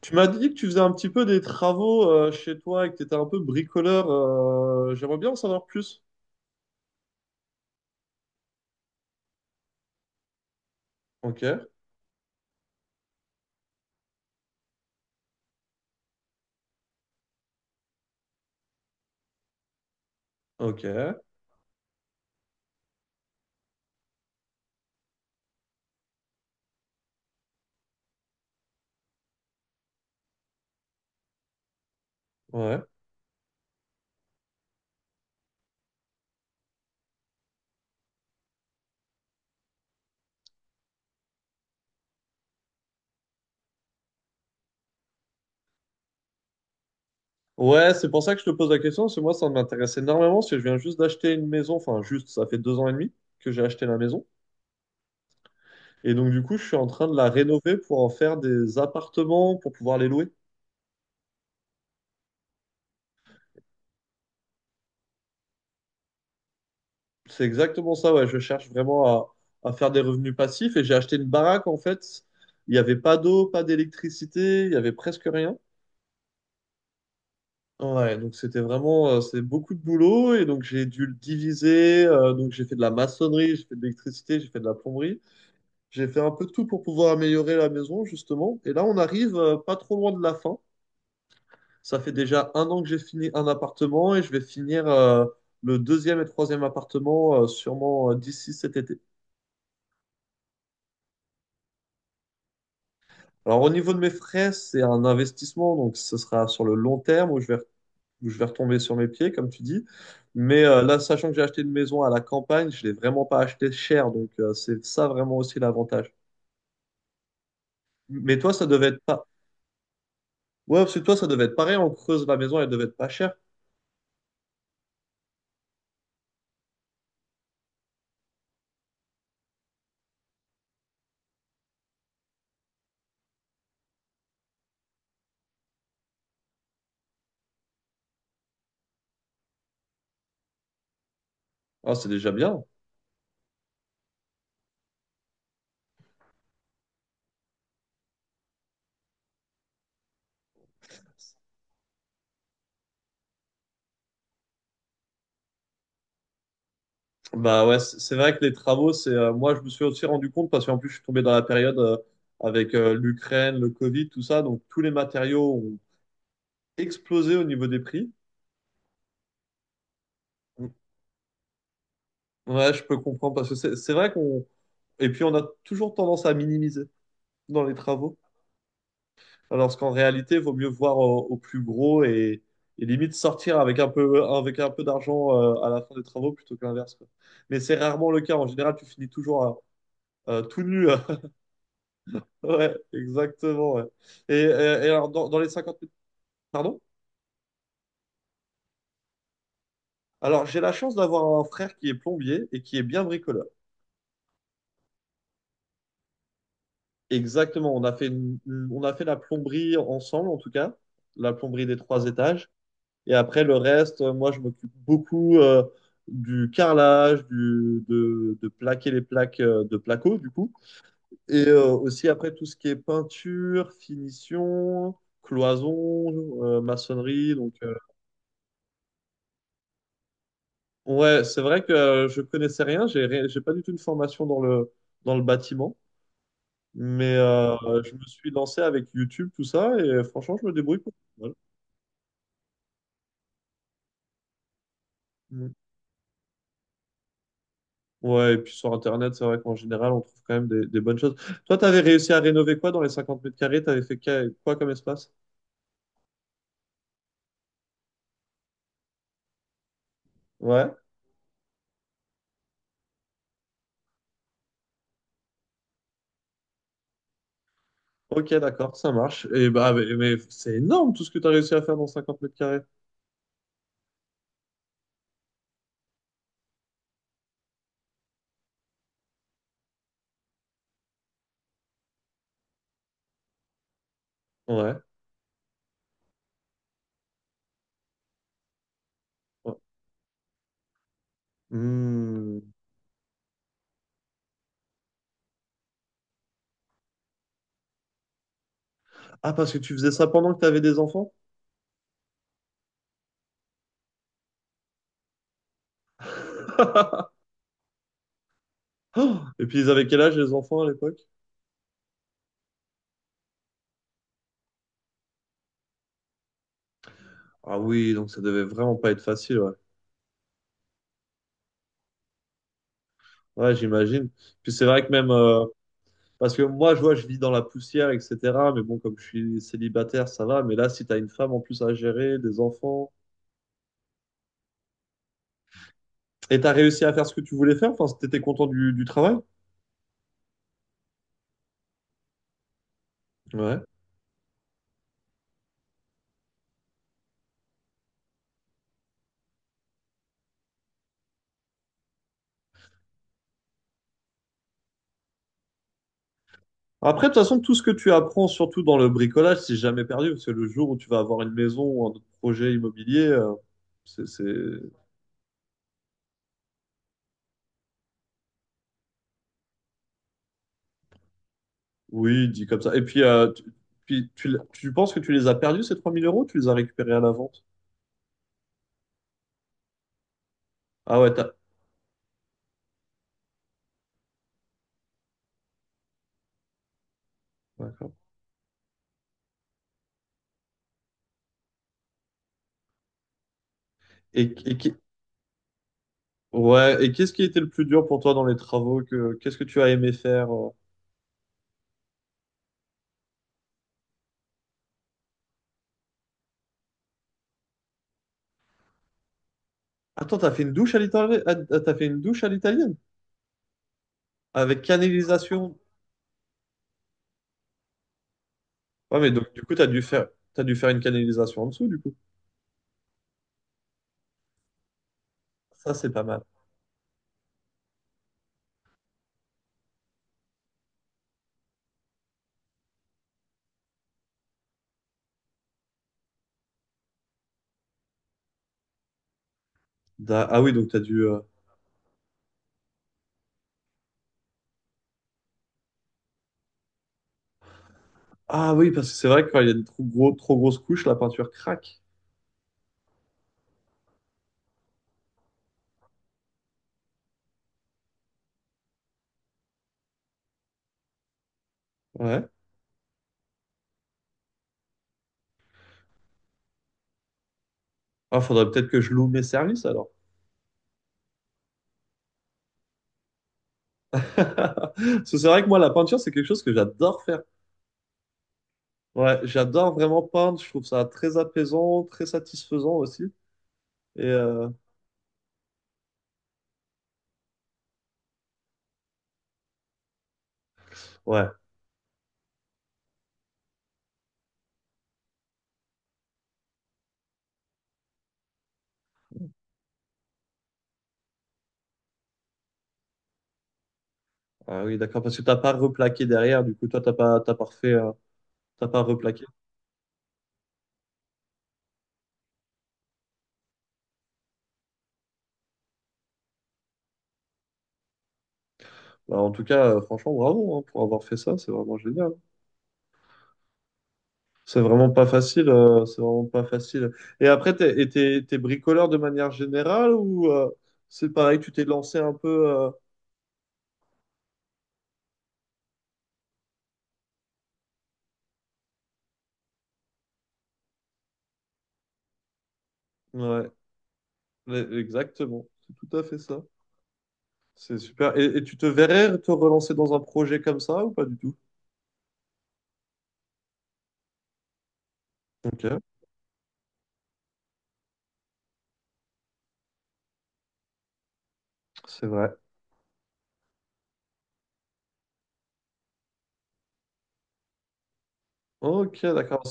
Tu m'as dit que tu faisais un petit peu des travaux chez toi et que tu étais un peu bricoleur. J'aimerais bien en savoir plus. Ok, ok, ouais. Ouais, c'est pour ça que je te pose la question, parce que moi, ça m'intéresse énormément, parce que je viens juste d'acheter une maison, enfin juste, ça fait 2 ans et demi que j'ai acheté la maison. Et donc, du coup, je suis en train de la rénover pour en faire des appartements, pour pouvoir les louer. C'est exactement ça, ouais, je cherche vraiment à faire des revenus passifs. Et j'ai acheté une baraque, en fait, il n'y avait pas d'eau, pas d'électricité, il y avait presque rien. Ouais, donc c'était vraiment, c'est beaucoup de boulot et donc j'ai dû le diviser. Donc j'ai fait de la maçonnerie, j'ai fait de l'électricité, j'ai fait de la plomberie. J'ai fait un peu de tout pour pouvoir améliorer la maison, justement. Et là, on arrive pas trop loin de la fin. Ça fait déjà un an que j'ai fini un appartement et je vais finir le deuxième et troisième appartement sûrement d'ici cet été. Alors au niveau de mes frais, c'est un investissement, donc ce sera sur le long terme où je vais retomber sur mes pieds, comme tu dis. Mais là, sachant que j'ai acheté une maison à la campagne, je l'ai vraiment pas acheté cher. Donc, c'est ça vraiment aussi l'avantage. Mais toi, ça devait être pas. Ouais, parce que toi, ça devait être pareil. On creuse la maison, elle devait être pas chère. Ah, c'est déjà bien. Bah ouais, c'est vrai que les travaux, c'est moi, je me suis aussi rendu compte parce qu'en plus, je suis tombé dans la période avec l'Ukraine, le Covid, tout ça. Donc, tous les matériaux ont explosé au niveau des prix. Ouais, je peux comprendre parce que c'est vrai qu'on. Et puis, on a toujours tendance à minimiser dans les travaux. Lorsqu'en réalité, il vaut mieux voir au plus gros et limite sortir avec un peu d'argent à la fin des travaux plutôt que l'inverse, quoi. Mais c'est rarement le cas. En général, tu finis toujours tout nu. Ouais, exactement. Ouais. Et, et- et alors, dans, dans, les 50 minutes, pardon? Alors, j'ai la chance d'avoir un frère qui est plombier et qui est bien bricoleur. Exactement. On a fait la plomberie ensemble, en tout cas, la plomberie des trois étages. Et après, le reste, moi, je m'occupe beaucoup du carrelage, de plaquer les plaques de placo, du coup. Et aussi, après, tout ce qui est peinture, finition, cloison, maçonnerie. Donc, ouais, c'est vrai que je connaissais rien. J'ai pas du tout une formation dans le bâtiment. Mais je me suis lancé avec YouTube, tout ça. Et franchement, je me débrouille. Voilà. Mm. Ouais, et puis sur Internet, c'est vrai qu'en général, on trouve quand même des bonnes choses. Toi, t'avais réussi à rénover quoi dans les 50 mètres carrés? T'avais fait quoi comme espace? Ouais. Ok, d'accord, ça marche. Et bah, mais c'est énorme tout ce que t'as réussi à faire dans 50 mètres carrés. Ouais. Ouais. Hmm. Ah, parce que tu faisais ça pendant que t'avais des enfants? Et puis, ils avaient quel âge les enfants à l'époque? Ah oui, donc ça devait vraiment pas être facile, ouais. Ouais, j'imagine. Puis c'est vrai que même, parce que moi, je vois, je vis dans la poussière, etc. Mais bon, comme je suis célibataire, ça va. Mais là, si t'as une femme en plus à gérer, des enfants. Et t'as réussi à faire ce que tu voulais faire, enfin, si t'étais content du travail. Ouais. Après, de toute façon, tout ce que tu apprends, surtout dans le bricolage, c'est jamais perdu. Parce que le jour où tu vas avoir une maison ou un autre projet immobilier, c'est. Oui, dit comme ça. Et puis, tu penses que tu les as perdus, ces 3 000 euros, ou tu les as récupérés à la vente? Ah ouais, t'as. D'accord. Et, et qui- Ouais, et qu'est-ce qui était le plus dur pour toi dans les travaux que qu'est-ce que tu as aimé faire? Attends, t'as fait une douche à l'italienne? T'as fait une douche à l'italienne? Avec canalisation. Ouais, mais donc du coup, t'as dû faire une canalisation en dessous, du coup. Ça, c'est pas mal. Ah oui, donc t'as dû. Ah oui, parce que c'est vrai que quand il y a une trop grosse couche, la peinture craque. Ouais. Ah, faudrait peut-être que je loue mes services alors. Parce que c'est vrai que moi, la peinture, c'est quelque chose que j'adore faire. Ouais, j'adore vraiment peindre. Je trouve ça très apaisant, très satisfaisant aussi. Et ouais. Ah oui, d'accord, parce que t'as pas replaqué derrière, du coup, toi, t'as pas refait, t'as pas replaqué. Bah, en tout cas, franchement, bravo hein, pour avoir fait ça, c'est vraiment génial. C'est vraiment pas facile, c'est vraiment pas facile. Et après, t'es bricoleur de manière générale ou c'est pareil, tu t'es lancé un peu. Ouais, exactement, c'est tout à fait ça. C'est super. Et tu te verrais te relancer dans un projet comme ça ou pas du tout? Ok, c'est vrai. Ok, d'accord.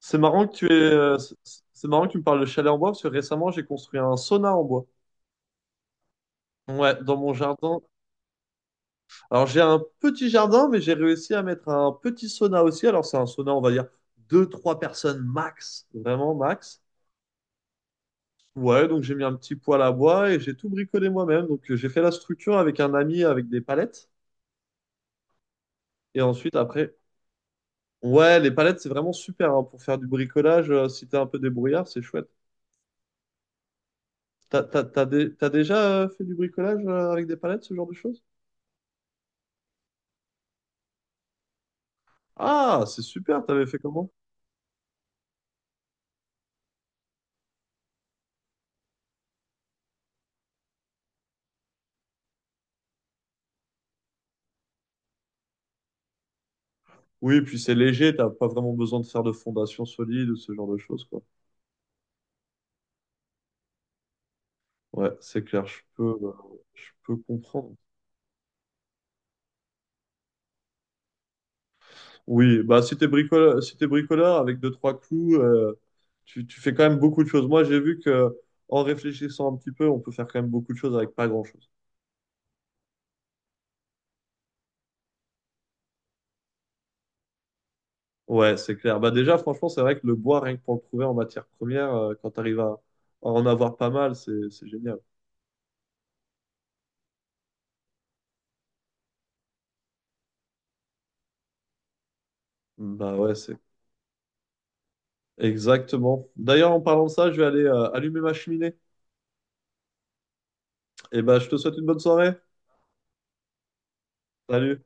C'est marrant que tu es. c'est c'est marrant que tu me parles de chalet en bois parce que récemment j'ai construit un sauna en bois. Ouais, dans mon jardin. Alors j'ai un petit jardin, mais j'ai réussi à mettre un petit sauna aussi. Alors c'est un sauna, on va dire deux, trois personnes max, vraiment max. Ouais, donc j'ai mis un petit poêle à bois et j'ai tout bricolé moi-même. Donc j'ai fait la structure avec un ami avec des palettes. Et ensuite après, ouais, les palettes c'est vraiment super hein, pour faire du bricolage. Si t'es un peu débrouillard, c'est chouette. T'as déjà fait du bricolage avec des palettes, ce genre de choses? Ah, c'est super, t'avais fait comment? Oui, puis c'est léger, t'as pas vraiment besoin de faire de fondation solide ou ce genre de choses, quoi. Ouais, c'est clair, je peux comprendre. Oui, bah si t'es bricoleur avec deux, trois clous, tu fais quand même beaucoup de choses. Moi, j'ai vu que en réfléchissant un petit peu, on peut faire quand même beaucoup de choses avec pas grand-chose. Ouais, c'est clair. Bah déjà, franchement, c'est vrai que le bois, rien que pour le trouver en matière première, quand t'arrives à en avoir pas mal, c'est génial. Bah ouais, c'est Exactement. D'ailleurs, en parlant de ça, je vais aller allumer ma cheminée. Et ben, je te souhaite une bonne soirée. Salut.